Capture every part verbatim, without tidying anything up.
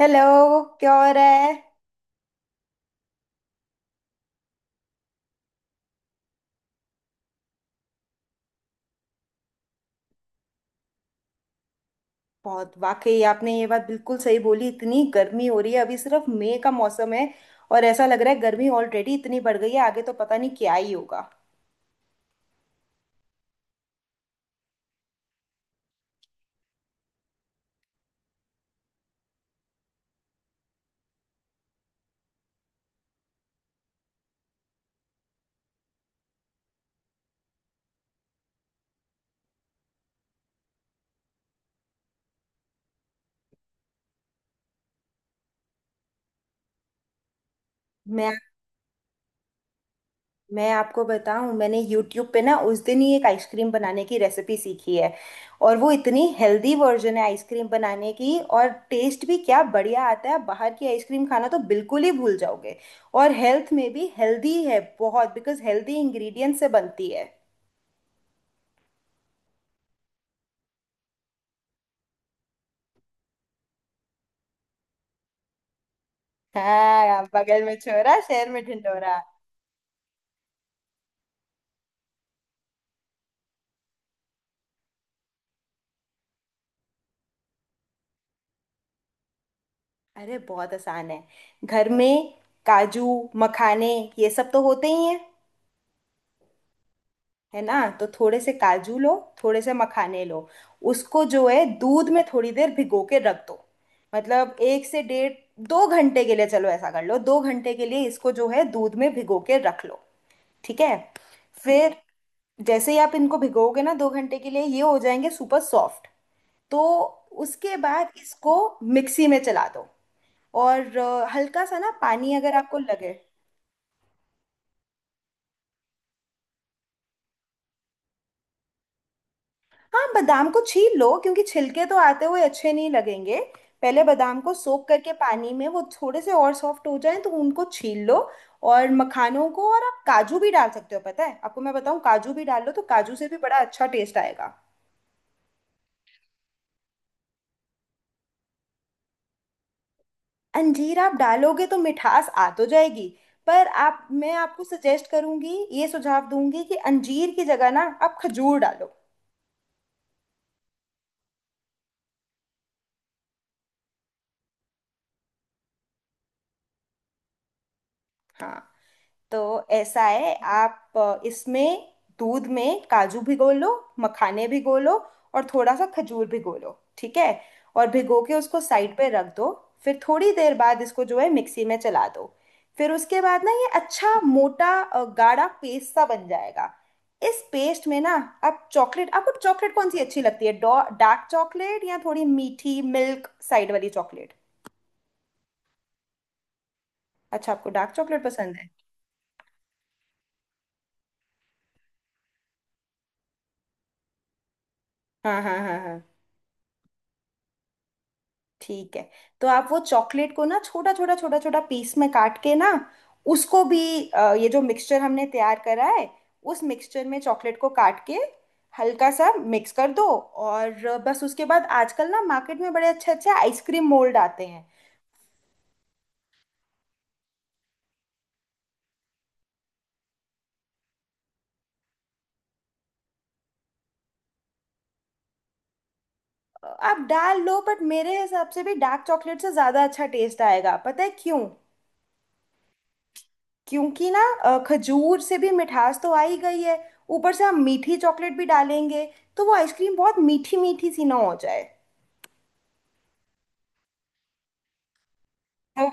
Hello. क्या हो रहा है? बहुत वाकई आपने ये बात बिल्कुल सही बोली, इतनी गर्मी हो रही है, अभी सिर्फ मई का मौसम है। और ऐसा लग रहा है गर्मी ऑलरेडी इतनी बढ़ गई है, आगे तो पता नहीं क्या ही होगा। मैं मैं आपको बताऊं, मैंने यूट्यूब पे ना उस दिन ही एक आइसक्रीम बनाने की रेसिपी सीखी है। और वो इतनी हेल्दी वर्जन है आइसक्रीम बनाने की, और टेस्ट भी क्या बढ़िया आता है, बाहर की आइसक्रीम खाना तो बिल्कुल ही भूल जाओगे। और हेल्थ में भी हेल्दी है बहुत, बिकॉज हेल्दी इंग्रेडिएंट से बनती है। हाँ, बगल में छोरा शहर में ढिंढोरा। अरे बहुत आसान है। घर में काजू, मखाने, ये सब तो होते ही हैं। है ना? तो थोड़े से काजू लो, थोड़े से मखाने लो, उसको जो है दूध में थोड़ी देर भिगो के रख दो। मतलब एक से डेढ़, दो घंटे के लिए, चलो ऐसा कर लो दो घंटे के लिए इसको जो है दूध में भिगो के रख लो। ठीक है? फिर जैसे ही आप इनको भिगोगे ना दो घंटे के लिए, ये हो जाएंगे सुपर सॉफ्ट। तो उसके बाद इसको मिक्सी में चला दो और अ, हल्का सा ना पानी अगर आपको लगे। हाँ, बादाम को छील लो, क्योंकि छिलके तो आते हुए अच्छे नहीं लगेंगे। पहले बादाम को सोक करके पानी में, वो थोड़े से और सॉफ्ट हो जाएं तो उनको छील लो। और मखानों को, और आप काजू भी डाल सकते हो, पता है आपको मैं बताऊं, काजू भी डाल लो तो काजू से भी बड़ा अच्छा टेस्ट आएगा। अंजीर आप डालोगे तो मिठास आ तो जाएगी, पर आप, मैं आपको सजेस्ट करूंगी, ये सुझाव दूंगी कि अंजीर की जगह ना आप खजूर डालो। हाँ, तो ऐसा है, आप अ, इसमें दूध में काजू भिगो लो, मखाने भिगो लो, और थोड़ा सा खजूर भिगो लो। ठीक है? और भिगो के उसको साइड पे रख दो। फिर थोड़ी देर बाद इसको जो है मिक्सी में चला दो। फिर उसके बाद ना ये अच्छा मोटा अ, गाढ़ा पेस्ट सा बन जाएगा। इस पेस्ट में ना, आप चॉकलेट, आपको चॉकलेट कौन सी अच्छी लगती है, डार्क चॉकलेट या थोड़ी मीठी मिल्क साइड वाली चॉकलेट? अच्छा, आपको डार्क चॉकलेट पसंद है। हाँ हाँ हाँ हाँ, ठीक है। तो आप वो चॉकलेट को ना छोटा छोटा छोटा छोटा पीस में काट के ना, उसको भी, अ, ये जो मिक्सचर हमने तैयार करा है, उस मिक्सचर में चॉकलेट को काट के हल्का सा मिक्स कर दो। और बस उसके बाद आजकल ना मार्केट में बड़े अच्छे अच्छे आइसक्रीम मोल्ड आते हैं। अ, आप डाल लो, बट मेरे हिसाब से भी डार्क चॉकलेट से ज़्यादा अच्छा टेस्ट आएगा। पता है क्यों? क्योंकि ना अ, खजूर से भी मिठास तो आ ही गई है, ऊपर से हम मीठी चॉकलेट भी डालेंगे तो वो आइसक्रीम बहुत मीठी मीठी सी ना हो जाए। तो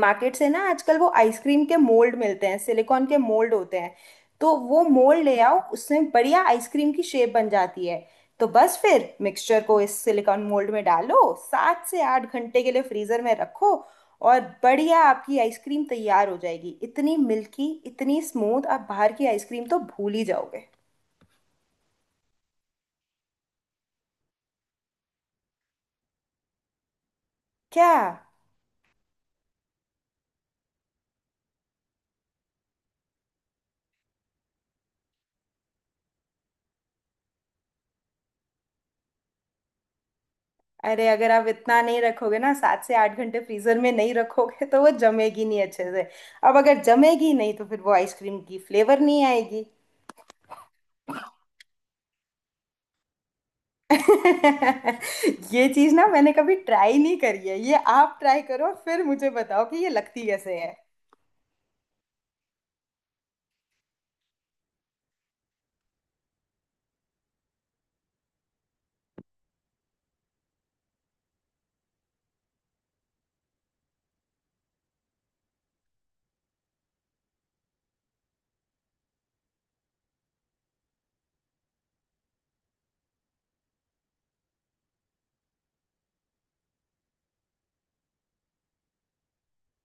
मार्केट से ना आजकल वो आइसक्रीम के मोल्ड मिलते हैं, सिलिकॉन के मोल्ड होते हैं, तो वो मोल्ड ले आओ, उसमें बढ़िया आइसक्रीम की शेप बन जाती है। तो बस फिर मिक्सचर को इस सिलिकॉन मोल्ड में डालो, सात से आठ घंटे के लिए फ्रीजर में रखो, और बढ़िया आपकी आइसक्रीम तैयार हो जाएगी, इतनी मिल्की, इतनी स्मूथ, आप बाहर की आइसक्रीम तो भूल ही जाओगे। क्या? अरे, अगर आप इतना नहीं रखोगे ना, सात से आठ घंटे फ्रीजर में नहीं रखोगे, तो वो जमेगी नहीं अच्छे से। अब अगर जमेगी नहीं तो फिर वो आइसक्रीम की फ्लेवर नहीं आएगी। ये चीज ना मैंने कभी ट्राई नहीं करी है, ये आप ट्राई करो फिर मुझे बताओ कि ये लगती कैसे है।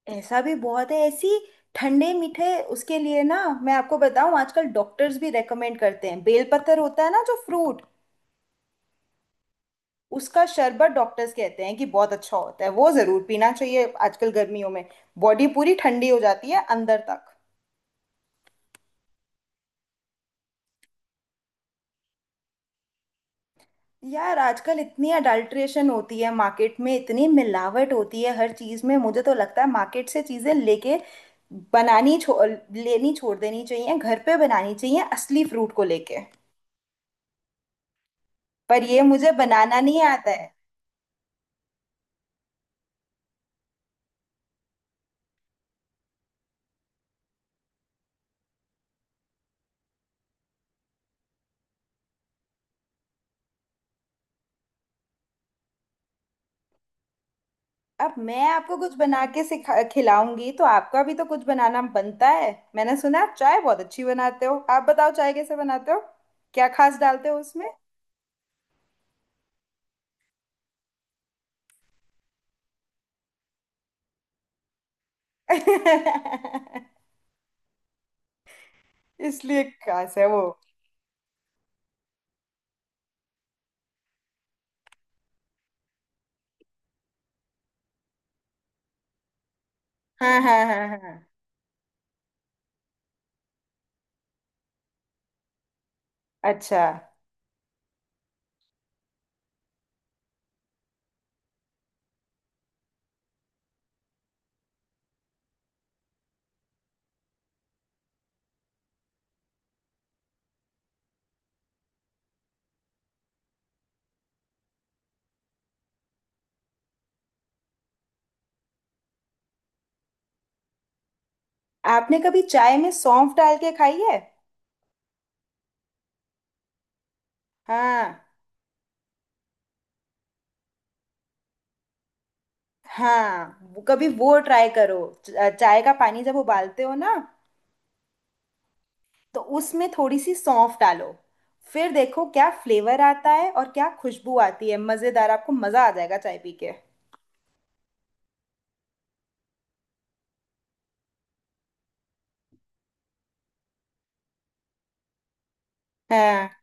ऐसा भी बहुत है, ऐसी ठंडे मीठे, उसके लिए ना मैं आपको बताऊं, आजकल डॉक्टर्स भी रेकमेंड करते हैं, बेलपत्र होता है ना जो फ्रूट, उसका शरबत, डॉक्टर्स कहते हैं कि बहुत अच्छा होता है, वो जरूर पीना चाहिए आजकल गर्मियों में। बॉडी पूरी ठंडी हो जाती है अंदर तक। यार, आजकल इतनी अडल्ट्रेशन होती है मार्केट में, इतनी मिलावट होती है हर चीज़ में, मुझे तो लगता है मार्केट से चीज़ें लेके बनानी छो लेनी, छोड़ देनी चाहिए, घर पे बनानी चाहिए असली फ्रूट को लेके। पर ये मुझे बनाना नहीं आता है। अब मैं आपको कुछ बना के सिखा खिलाऊंगी तो आपका भी तो कुछ बनाना बनता है। मैंने सुना आप चाय बहुत अच्छी बनाते हो, आप बताओ चाय कैसे बनाते हो, क्या खास डालते हो उसमें? इसलिए खास है वो। हाँ हाँ हाँ हाँ, अच्छा। आपने कभी चाय में सौंफ डाल के खाई है? हाँ हाँ। वो- कभी वो ट्राई करो। च- चाय का पानी जब उबालते हो ना तो उसमें थोड़ी सी सौंफ डालो। फिर देखो क्या फ्लेवर आता है और क्या खुशबू आती है, मजेदार, आपको मजा आ जाएगा चाय पी के। हाँ।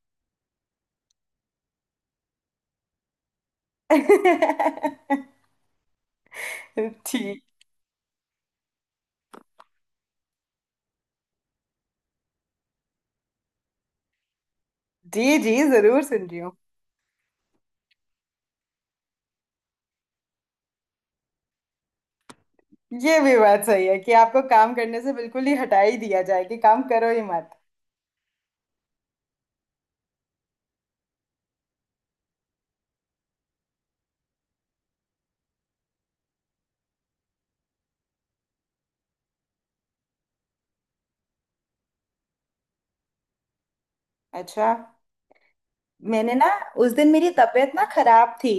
ठीक। जी जी, जरूर सुन रही हूँ। ये भी बात सही है कि आपको काम करने से बिल्कुल ही हटा ही दिया जाए, कि काम करो ही मत। अच्छा, मैंने ना उस दिन, मेरी तबीयत ना खराब थी,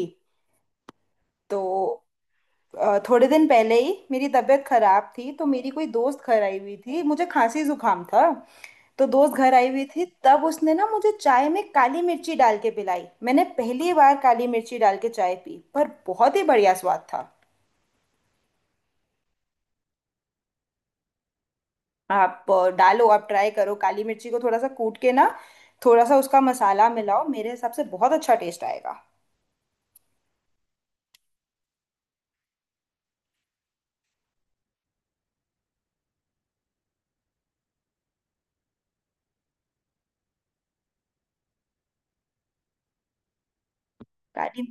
तो अ, थोड़े दिन पहले ही मेरी तबीयत खराब थी, तो मेरी कोई दोस्त घर आई हुई थी, मुझे खांसी जुकाम था। तो दोस्त घर आई हुई थी, तब उसने ना मुझे चाय में काली मिर्ची डाल के पिलाई। मैंने पहली बार काली मिर्ची डाल के चाय पी, पर बहुत ही बढ़िया स्वाद था। आप अ, डालो, आप ट्राई करो, काली मिर्ची को थोड़ा सा कूट के ना, थोड़ा सा उसका मसाला मिलाओ, मेरे हिसाब से बहुत अच्छा टेस्ट आएगा। काली,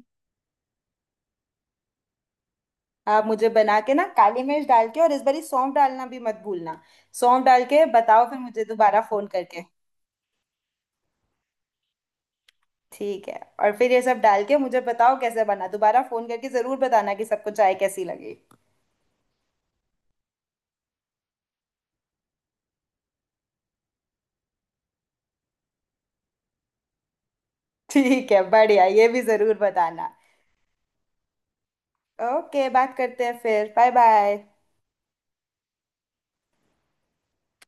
आप मुझे बना के ना, काली मिर्च डाल के, और इस बारी सौंफ डालना भी मत भूलना। सौंफ डाल के बताओ, फिर मुझे दोबारा फोन करके। ठीक है, और फिर ये सब डाल के मुझे बताओ कैसे बना, दोबारा फोन करके जरूर बताना कि सबको चाय कैसी लगी। ठीक है, बढ़िया, ये भी जरूर बताना। ओके, बात करते हैं फिर। Bye bye.